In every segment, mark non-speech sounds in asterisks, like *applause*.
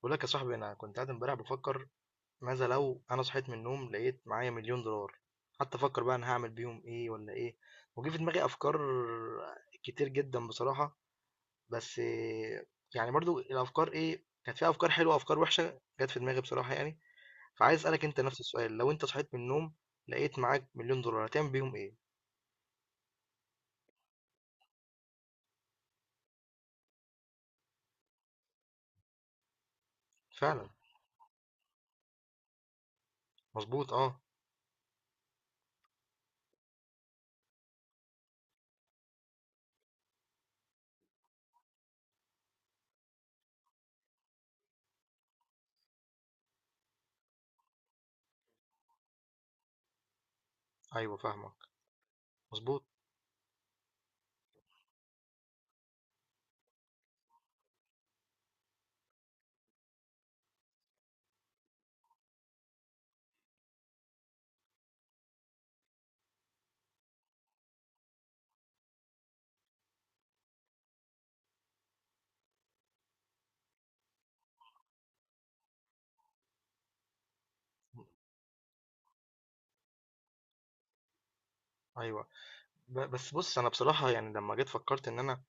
بقول لك يا صاحبي، انا كنت قاعد امبارح بفكر ماذا لو انا صحيت من النوم لقيت معايا مليون دولار، حتى افكر بقى انا هعمل بيهم ايه ولا ايه. وجه في دماغي افكار كتير جدا بصراحة، بس يعني برضو الافكار ايه، كانت فيها افكار حلوة افكار وحشة جت في دماغي بصراحة يعني. فعايز اسالك انت نفس السؤال، لو انت صحيت من النوم لقيت معاك مليون دولار هتعمل بيهم ايه؟ فعلا، مظبوط اه. ايوه فاهمك، مظبوط. ايوه. بس بص، انا بصراحة يعني لما جيت فكرت ان انا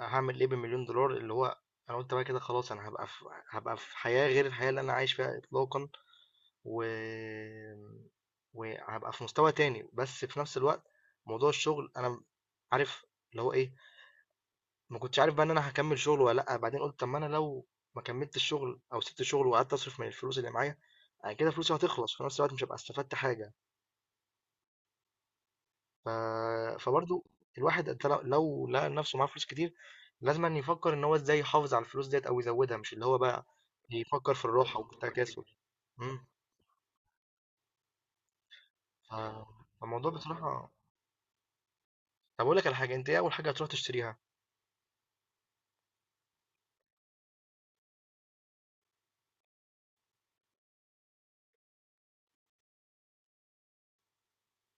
هاعمل إيه بمليون دولار، اللي هو أنا قُلت بقى كده خلاص أنا هابقى في حياة غير الحياة اللي أنا عايش فيها إطلاقًا، و وهابقى في مستوى تاني، بس في نفس الوقت موضوع الشغل أنا عارف اللي هو إيه، ما كنتش عارف بقى إن أنا هاكمّل شغل والّا لأ. بعدين قُلت طب ما أنا لو ما كمّلتش شغل أو سِبت شغل وقعدت أصرف من الفلوس اللي معايا، أنا كده فلوسي هتخلص، في نفس الوقت مش هابقى استفدت حاجة. ف... فبرضه الواحد، انت لو لقى نفسه معاه فلوس كتير، لازم أن يفكر ان هو ازاي يحافظ على الفلوس ديت او يزودها، مش اللي هو بقى يفكر في الراحه والتكاسل. امم. ف... فالموضوع بصراحه. طب اقول لك على حاجه، انت ايه اول حاجه هتروح تشتريها؟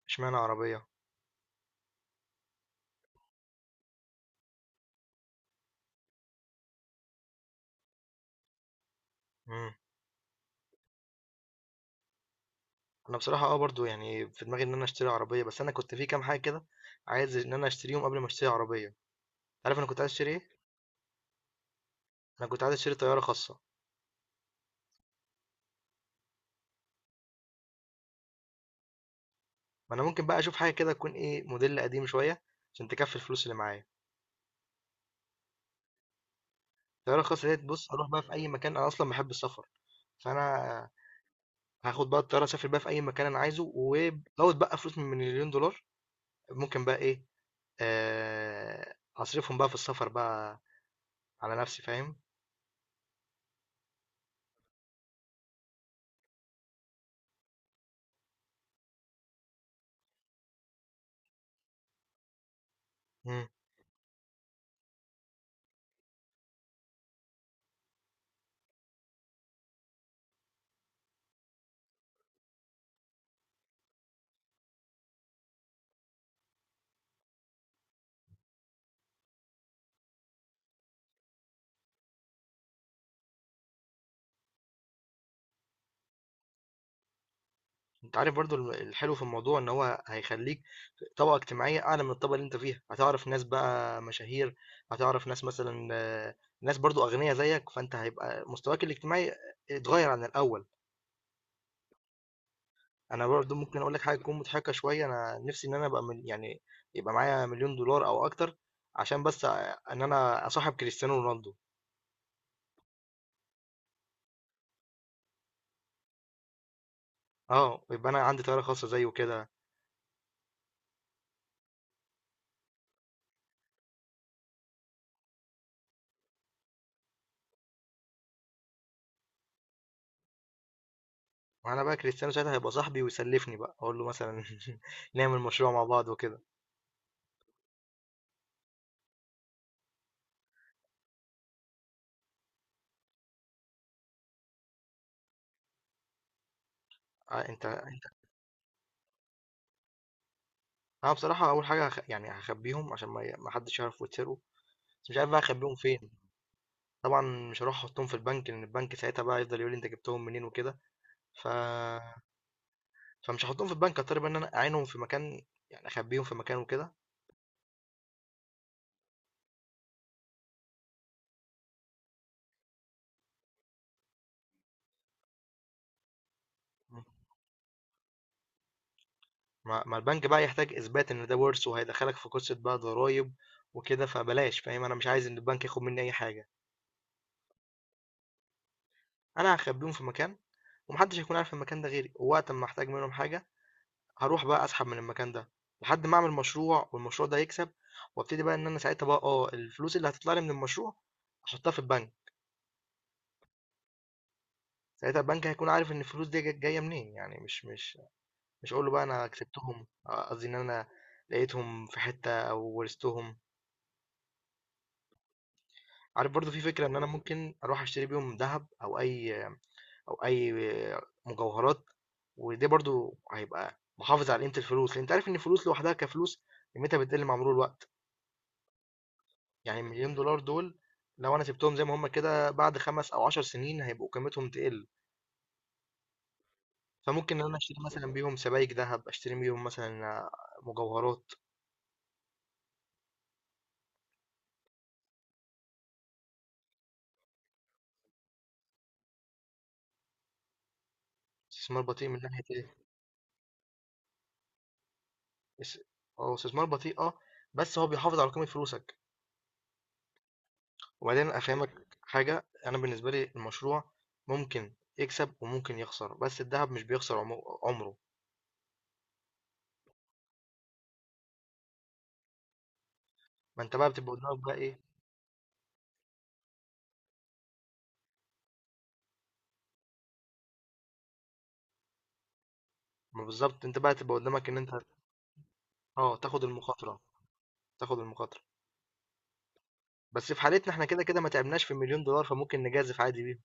اشمعنى عربيه؟ امم. انا بصراحه اه برضو يعني في دماغي ان انا اشتري عربيه، بس انا كنت في كام حاجه كده عايز ان انا اشتريهم قبل ما اشتري عربيه. عارف انا كنت عايز اشتري ايه؟ انا كنت عايز اشتري طياره خاصه. ما انا ممكن بقى اشوف حاجه كده تكون ايه موديل قديم شويه عشان تكفي الفلوس اللي معايا. الطيارة الخاصة ديت، بص هروح بقى في أي مكان، أنا أصلا بحب السفر. فأنا هاخد بقى الطيارة أسافر بقى في أي مكان أنا عايزه، ولو بقى فلوس من مليون دولار ممكن بقى إيه، آه، أصرفهم بقى في السفر بقى على نفسي، فاهم. مم. أنت عارف برضو الحلو في الموضوع إن هو هيخليك طبقة اجتماعية أعلى من الطبقة اللي أنت فيها، هتعرف ناس بقى مشاهير، هتعرف ناس مثلا آه، ناس برضو أغنياء زيك، فأنت هيبقى مستواك الاجتماعي اتغير عن الأول. انا برضو ممكن اقول لك حاجه تكون مضحكه شويه، انا نفسي ان انا يعني يبقى معايا مليون دولار او اكتر، عشان بس ان انا اصاحب كريستيانو رونالدو. اه يبقى انا عندي طياره خاصه زيه كده. وانا بقى كريستيانو ساعتها هيبقى صاحبي، ويسلفني بقى اقول له مثلا *laughs* نعمل مشروع مع بعض وكده. آه، انت انا بصراحه اول حاجه يعني هخبيهم عشان ما حدش يعرف ويتسرقوا، بس مش عارف بقى اخبيهم فين. طبعا مش هروح احطهم في البنك، لان البنك ساعتها بقى يفضل يقول لي انت جبتهم منين وكده. ف فمش هاحطهم في البنك، هاضطر بقى إن أنا أعينهم في مكان، يعني أخبيهم في مكان وكده. مم. ما البنك بقى يحتاج إثبات إن ده ورث، وهيدخلك في قصة بقى ضرايب وكده، فبلاش فاهم، أنا مش عايز إن البنك ياخد مني أي حاجة. أنا هخبيهم في مكان، ومحدش هيكون عارف المكان ده غيري. ووقت ما أحتاج منهم حاجة، هروح بقى أسحب من المكان ده، لحد ما أعمل مشروع والمشروع ده يكسب، وابتدي بقى إن أنا ساعتها بقى أه الفلوس اللي هتطلع لي من المشروع أحطها في البنك. ساعتها البنك هيكون عارف إن الفلوس دي جاية منين، يعني مش هاقول له بقى أنا كسبتهم، آه، قصدي إن أنا لقيتهم في حتة أو ورثتهم. عارف برضو في فكرة إن أنا ممكن أروح أشتري بيهم ذهب، أو أي مجوهرات. وده برضو هيبقى محافظ على قيمة الفلوس، لأن أنت عارف إن الفلوس لوحدها كفلوس قيمتها بتقل مع مرور الوقت. يعني المليون دولار دول لو أنا سبتهم زي ما هما كده، بعد خمس أو عشر سنين هيبقوا قيمتهم تقل. فممكن إن أنا أشتري مثلا بيهم سبائك ذهب، أشتري بيهم مثلا آه، مجوهرات. استثمار بطيء من ناحية إيه؟ اس هو استثمار بطيء اه، بس هو بيحافظ على قيمة فلوسك. وبعدين افهمك حاجة، انا بالنسبة لي المشروع ممكن يكسب وممكن يخسر، بس الذهب مش بيخسر عمره. ما انت بقى بتبقى قدامك بقى ايه؟ ما بالظبط، انت بقى تبقى قدامك ان انت اه تاخد المخاطرة، تاخد المخاطرة. بس في حالتنا احنا كده كده ما تعبناش في مليون دولار، فممكن نجازف عادي بيهم.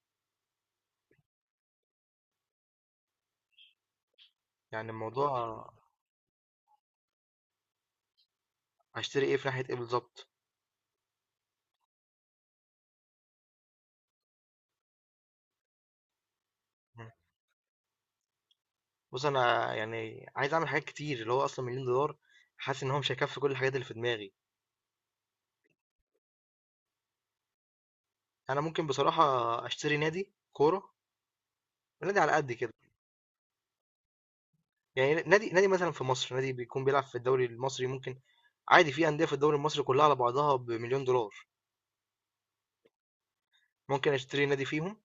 يعني الموضوع. هشتري ايه في ناحية ايه بالظبط؟ مم. بص انا يعني عايز اعمل حاجات كتير، اللي هو اصلا مليون دولار حاسس ان هو مش هيكفي كل الحاجات اللي في دماغي. انا ممكن بصراحه اشتري نادي كوره، نادي على قد كده. يعني نادي مثلا في مصر نادي بيكون بيلعب في الدوري المصري، ممكن عادي في انديه في الدوري المصري كلها على بعضها بمليون دولار. ممكن اشتري نادي فيهم،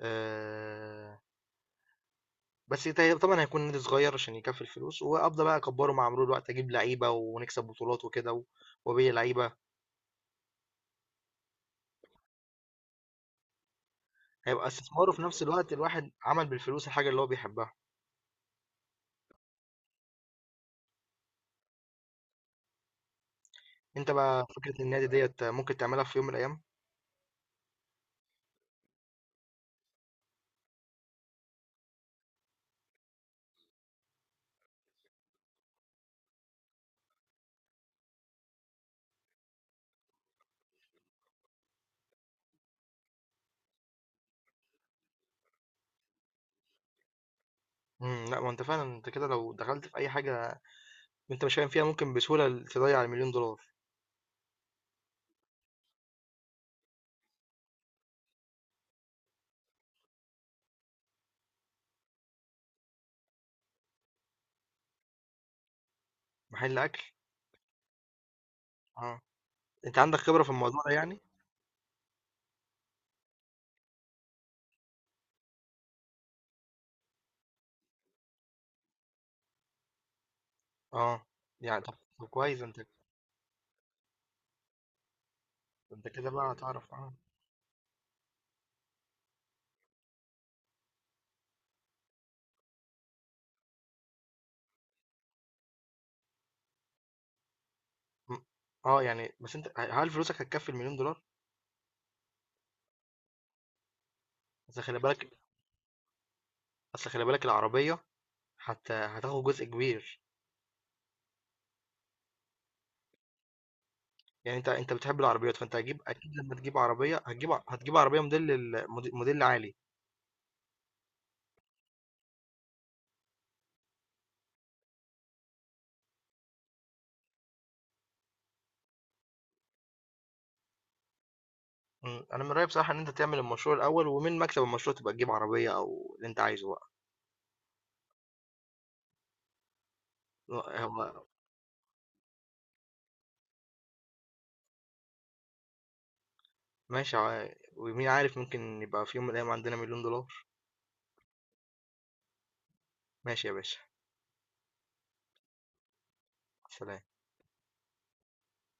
آه. بس طبعا هيكون نادي صغير عشان يكفي الفلوس، وابدا بقى اكبره مع مرور الوقت، اجيب لعيبه ونكسب بطولات وكده وابيع لعيبه. هيبقى استثمار، وفي نفس الوقت الواحد عمل بالفلوس الحاجه اللي هو بيحبها. انت بقى فكره النادي ديت ممكن تعملها في يوم من الايام. امم. لا ما انت فعلا، انت كده لو دخلت في اي حاجه انت مش فاهم فيها، ممكن بسهولة تضيع المليون دولار. محل اكل. اه انت عندك خبرة في الموضوع ده يعني؟ اه يعني طب طب كويس، انت انت كده بقى هتعرف اه. م- اه يعني، بس انت هل فلوسك هتكفي المليون دولار؟ اصل خلي بالك، اصل خلي بالك العربية حتى هتاخد جزء كبير. يعني انت انت بتحب العربيات، فانت هتجيب اكيد لما تجيب عربية هتجيب هتجيب عربية موديل موديل عالي. م، انا من رأيي بصراحة ان انت تعمل المشروع الاول، ومن مكسب المشروع تبقى تجيب عربية او اللي انت عايزه بقى. هو. ماشي ومين عارف، ممكن يبقى في يوم من الأيام عندنا مليون دولار. ماشي يا باشا. سلام.